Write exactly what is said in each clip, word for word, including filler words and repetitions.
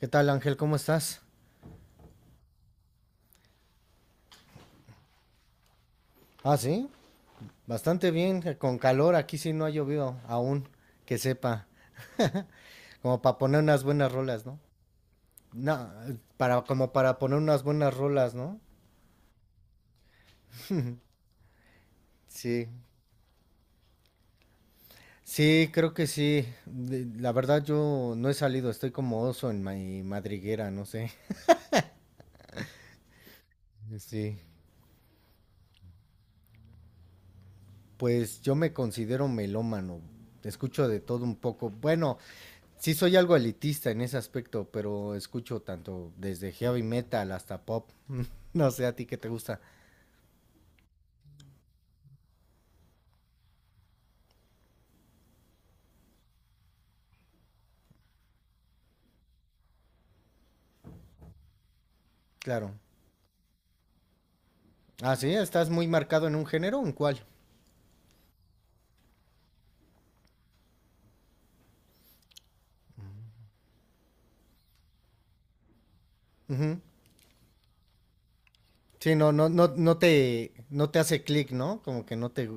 ¿Qué tal, Ángel? ¿Cómo estás? Ah, sí, bastante bien, eh, con calor, aquí sí no ha llovido aún, que sepa, como para poner unas buenas rolas, ¿no? No, eh, para, como para poner unas buenas rolas, ¿no? Sí, sí, creo que sí. De- La verdad yo no he salido, estoy como oso en mi madriguera, no sé. Sí, pues yo me considero melómano, escucho de todo un poco. Bueno, sí soy algo elitista en ese aspecto, pero escucho tanto desde heavy metal hasta pop. No sé a ti qué te gusta. Claro. Ah, sí, estás muy marcado en un género, ¿en cuál? Ujú. Sí, no, no, no, no te, no te hace clic, ¿no? Como que no te,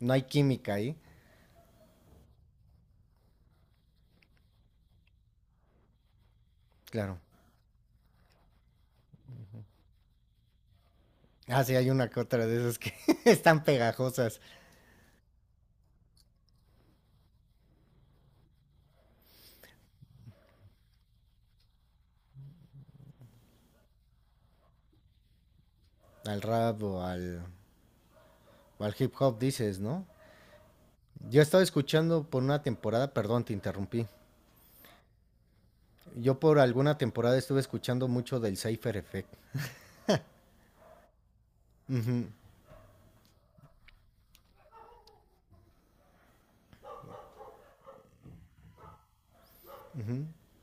No hay química ahí. Claro. Ah, sí, hay una que otra de esas que están pegajosas al rap o al, o al hip hop, dices, ¿no? Yo estaba escuchando por una temporada, perdón, te interrumpí. Yo por alguna temporada estuve escuchando mucho del Cypher Effect.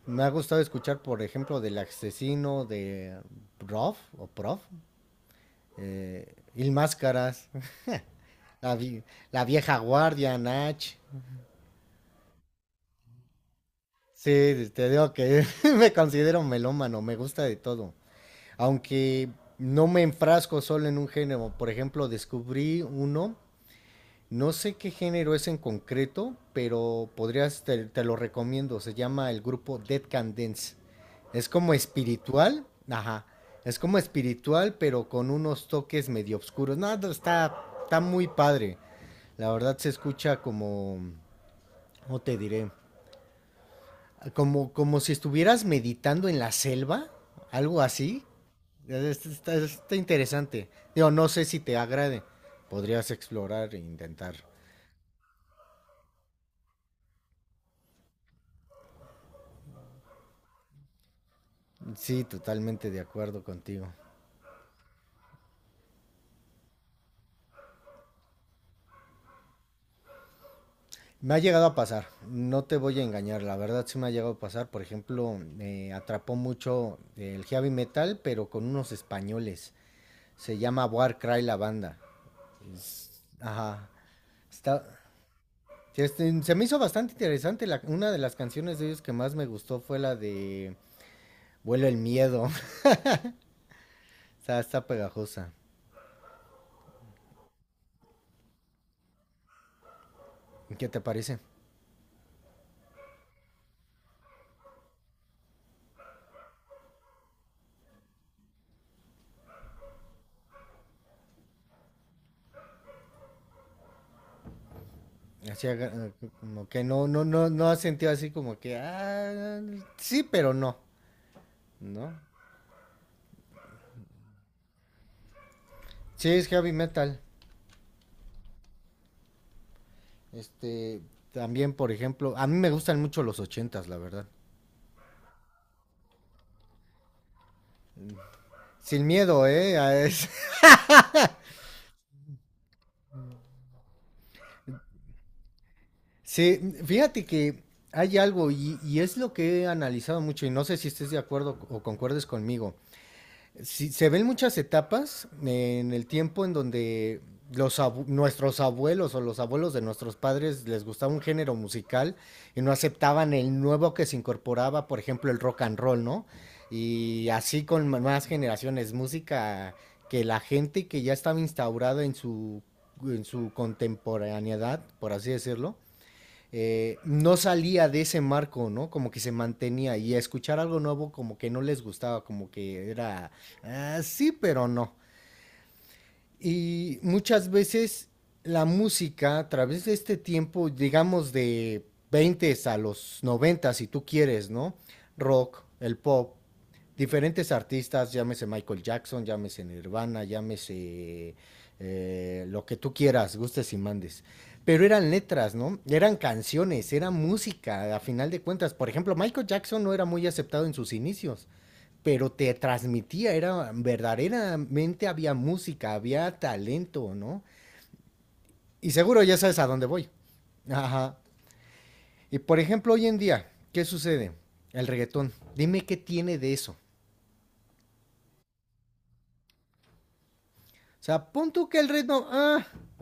Me ha gustado escuchar, por ejemplo, del asesino de Prof o Prof, eh, Il Máscaras, la, vi- la vieja guardia, Nach. Sí, te digo que me considero melómano, me gusta de todo. Aunque no me enfrasco solo en un género, por ejemplo, descubrí uno. No sé qué género es en concreto, pero podrías, te, te lo recomiendo. Se llama el grupo Dead Can Dance. Es como espiritual, ajá. Es como espiritual, pero con unos toques medio oscuros. Nada, está, está muy padre. La verdad se escucha como, ¿cómo te diré? Como, como si estuvieras meditando en la selva, algo así. Es- Está, está interesante. Digo, no sé si te agrade. Podrías explorar e intentar. Sí, totalmente de acuerdo contigo. Me ha llegado a pasar, no te voy a engañar, la verdad sí me ha llegado a pasar. Por ejemplo, me atrapó mucho el heavy metal, pero con unos españoles. Se llama Warcry la banda. Ajá. Está, este, se me hizo bastante interesante. La- una de las canciones de ellos que más me gustó fue la de Vuelo el miedo. Está, está pegajosa. ¿Qué te parece? Así, haga- como que no, no, no, no has sentido así como que, ah, sí, pero no, ¿no? Sí, es heavy metal. Este, también, por ejemplo, a mí me gustan mucho los ochentas, la verdad. Sin miedo, ¿eh? A es- Sí, fíjate que hay algo y, y es lo que he analizado mucho y no sé si estés de acuerdo o concuerdes conmigo. Sí, se ven muchas etapas en el tiempo en donde los abu- nuestros abuelos o los abuelos de nuestros padres les gustaba un género musical y no aceptaban el nuevo que se incorporaba, por ejemplo, el rock and roll, ¿no? Y así con ma- más generaciones, música que la gente que ya estaba instaurada en su, en su contemporaneidad, por así decirlo, eh, no salía de ese marco, ¿no? Como que se mantenía y a escuchar algo nuevo como que no les gustaba, como que era, ah, sí, pero no. Y muchas veces la música, a través de este tiempo, digamos de veinte a los noventa, si tú quieres, ¿no? Rock, el pop, diferentes artistas, llámese Michael Jackson, llámese Nirvana, llámese eh, lo que tú quieras, gustes y mandes. Pero eran letras, ¿no? Eran canciones, era música, a final de cuentas. Por ejemplo, Michael Jackson no era muy aceptado en sus inicios, pero te transmitía, era verdaderamente, había música, había talento, ¿no? Y seguro ya sabes a dónde voy. Ajá. Y por ejemplo, hoy en día, ¿qué sucede? El reggaetón. Dime qué tiene de eso. O sea, pon tú que el ritmo, ah,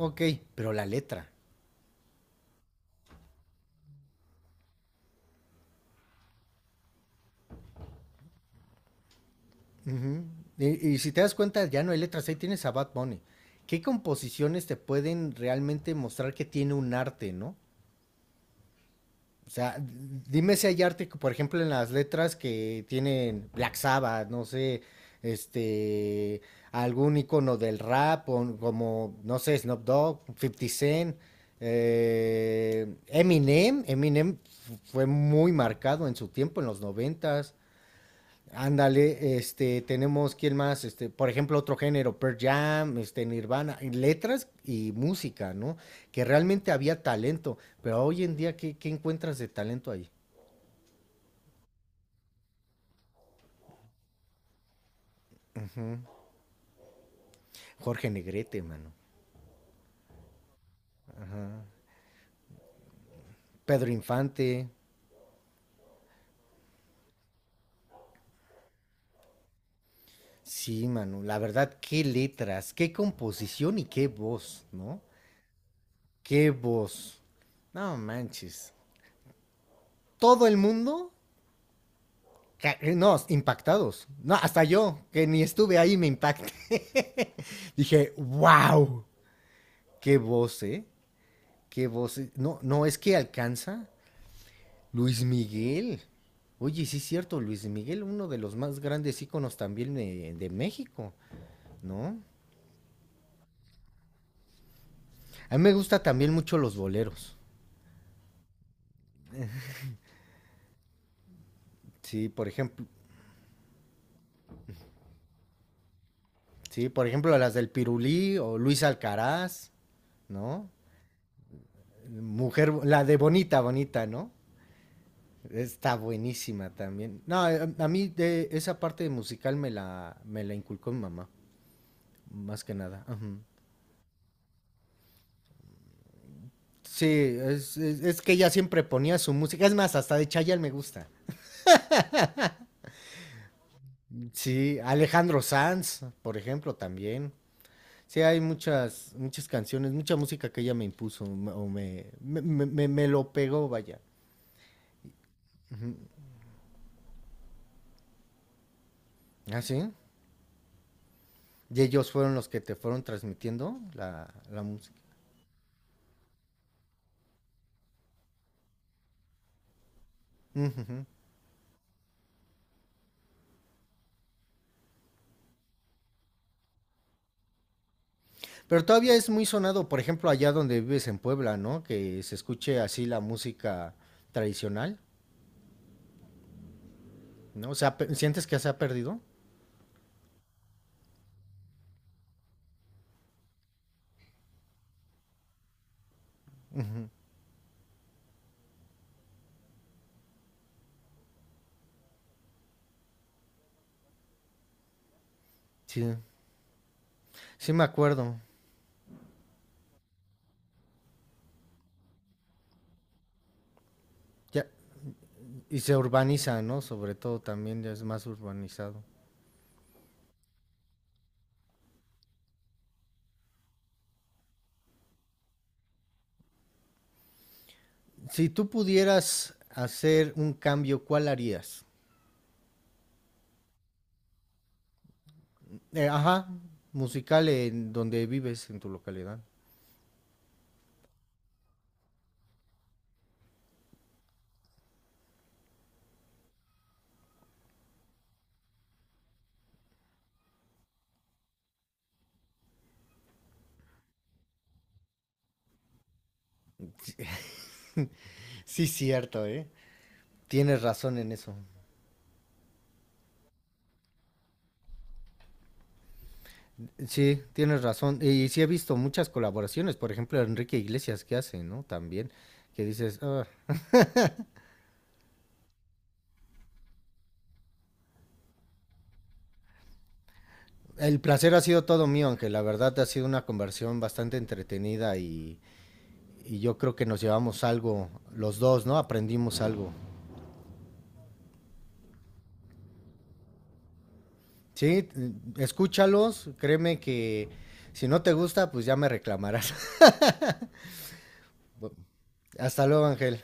ok, pero la letra. Ujú. Y, y si te das cuenta, ya no hay letras, ahí tienes a Bad Bunny. ¿Qué composiciones te pueden realmente mostrar que tiene un arte, no? O sea, dime si hay arte, por ejemplo, en las letras que tienen Black Sabbath, no sé, este, algún icono del rap, o como, no sé, Snoop Dogg, Fifty Cent, eh, Eminem. Eminem fue muy marcado en su tiempo, en los noventas. Ándale, este, tenemos quién más, este, por ejemplo, otro género, Pearl Jam, este, Nirvana, en letras y música, ¿no? Que realmente había talento, pero hoy en día, ¿qué, qué encuentras de talento ahí? Jorge Negrete, mano. Pedro Infante, sí, mano. La verdad, qué letras, qué composición y qué voz, ¿no? Qué voz. No manches. Todo el mundo. Ca- No, impactados. No, hasta yo, que ni estuve ahí, me impacté. Dije, wow, qué voz, ¿eh? Qué voz. Eh. No, no, es que alcanza Luis Miguel. Oye, sí es cierto, Luis Miguel, uno de los más grandes íconos también de, de México, ¿no? A mí me gusta también mucho los boleros. Sí, por ejemplo, sí, por ejemplo, las del Pirulí o Luis Alcaraz, ¿no? Mujer, la de Bonita, Bonita, ¿no? Está buenísima también. No, a, a mí de esa parte musical me la, me la inculcó mi mamá, más que nada. Ajá. Sí, es, es- es que ella siempre ponía su música. Es más, hasta de Chayanne me gusta. Sí, Alejandro Sanz, por ejemplo, también. Sí, hay muchas, muchas canciones, mucha música que ella me impuso m- o me, me, me- me- me lo pegó, vaya. ¿Ah, sí? Y ellos fueron los que te fueron transmitiendo la, la música. Pero todavía es muy sonado, por ejemplo, allá donde vives en Puebla, ¿no? Que se escuche así la música tradicional, ¿no? O sea, pe- ¿sientes que se ha perdido? Sí, sí me acuerdo. Ya, y se urbaniza, ¿no? Sobre todo también ya es más urbanizado. Si tú pudieras hacer un cambio, ¿cuál harías? Eh, ajá, musical en donde vives, en tu localidad. Sí, cierto, ¿eh? Tienes razón en eso. Sí, tienes razón. Y sí he visto muchas colaboraciones, por ejemplo, Enrique Iglesias que hace, ¿no? También, que dices, "Ah, el placer ha sido todo mío", aunque la verdad ha sido una conversión bastante entretenida y, y yo creo que nos llevamos algo, los dos, ¿no? Aprendimos algo. Sí, t- escúchalos, créeme que si no te gusta, pues ya me reclamarás. Hasta luego, Ángel.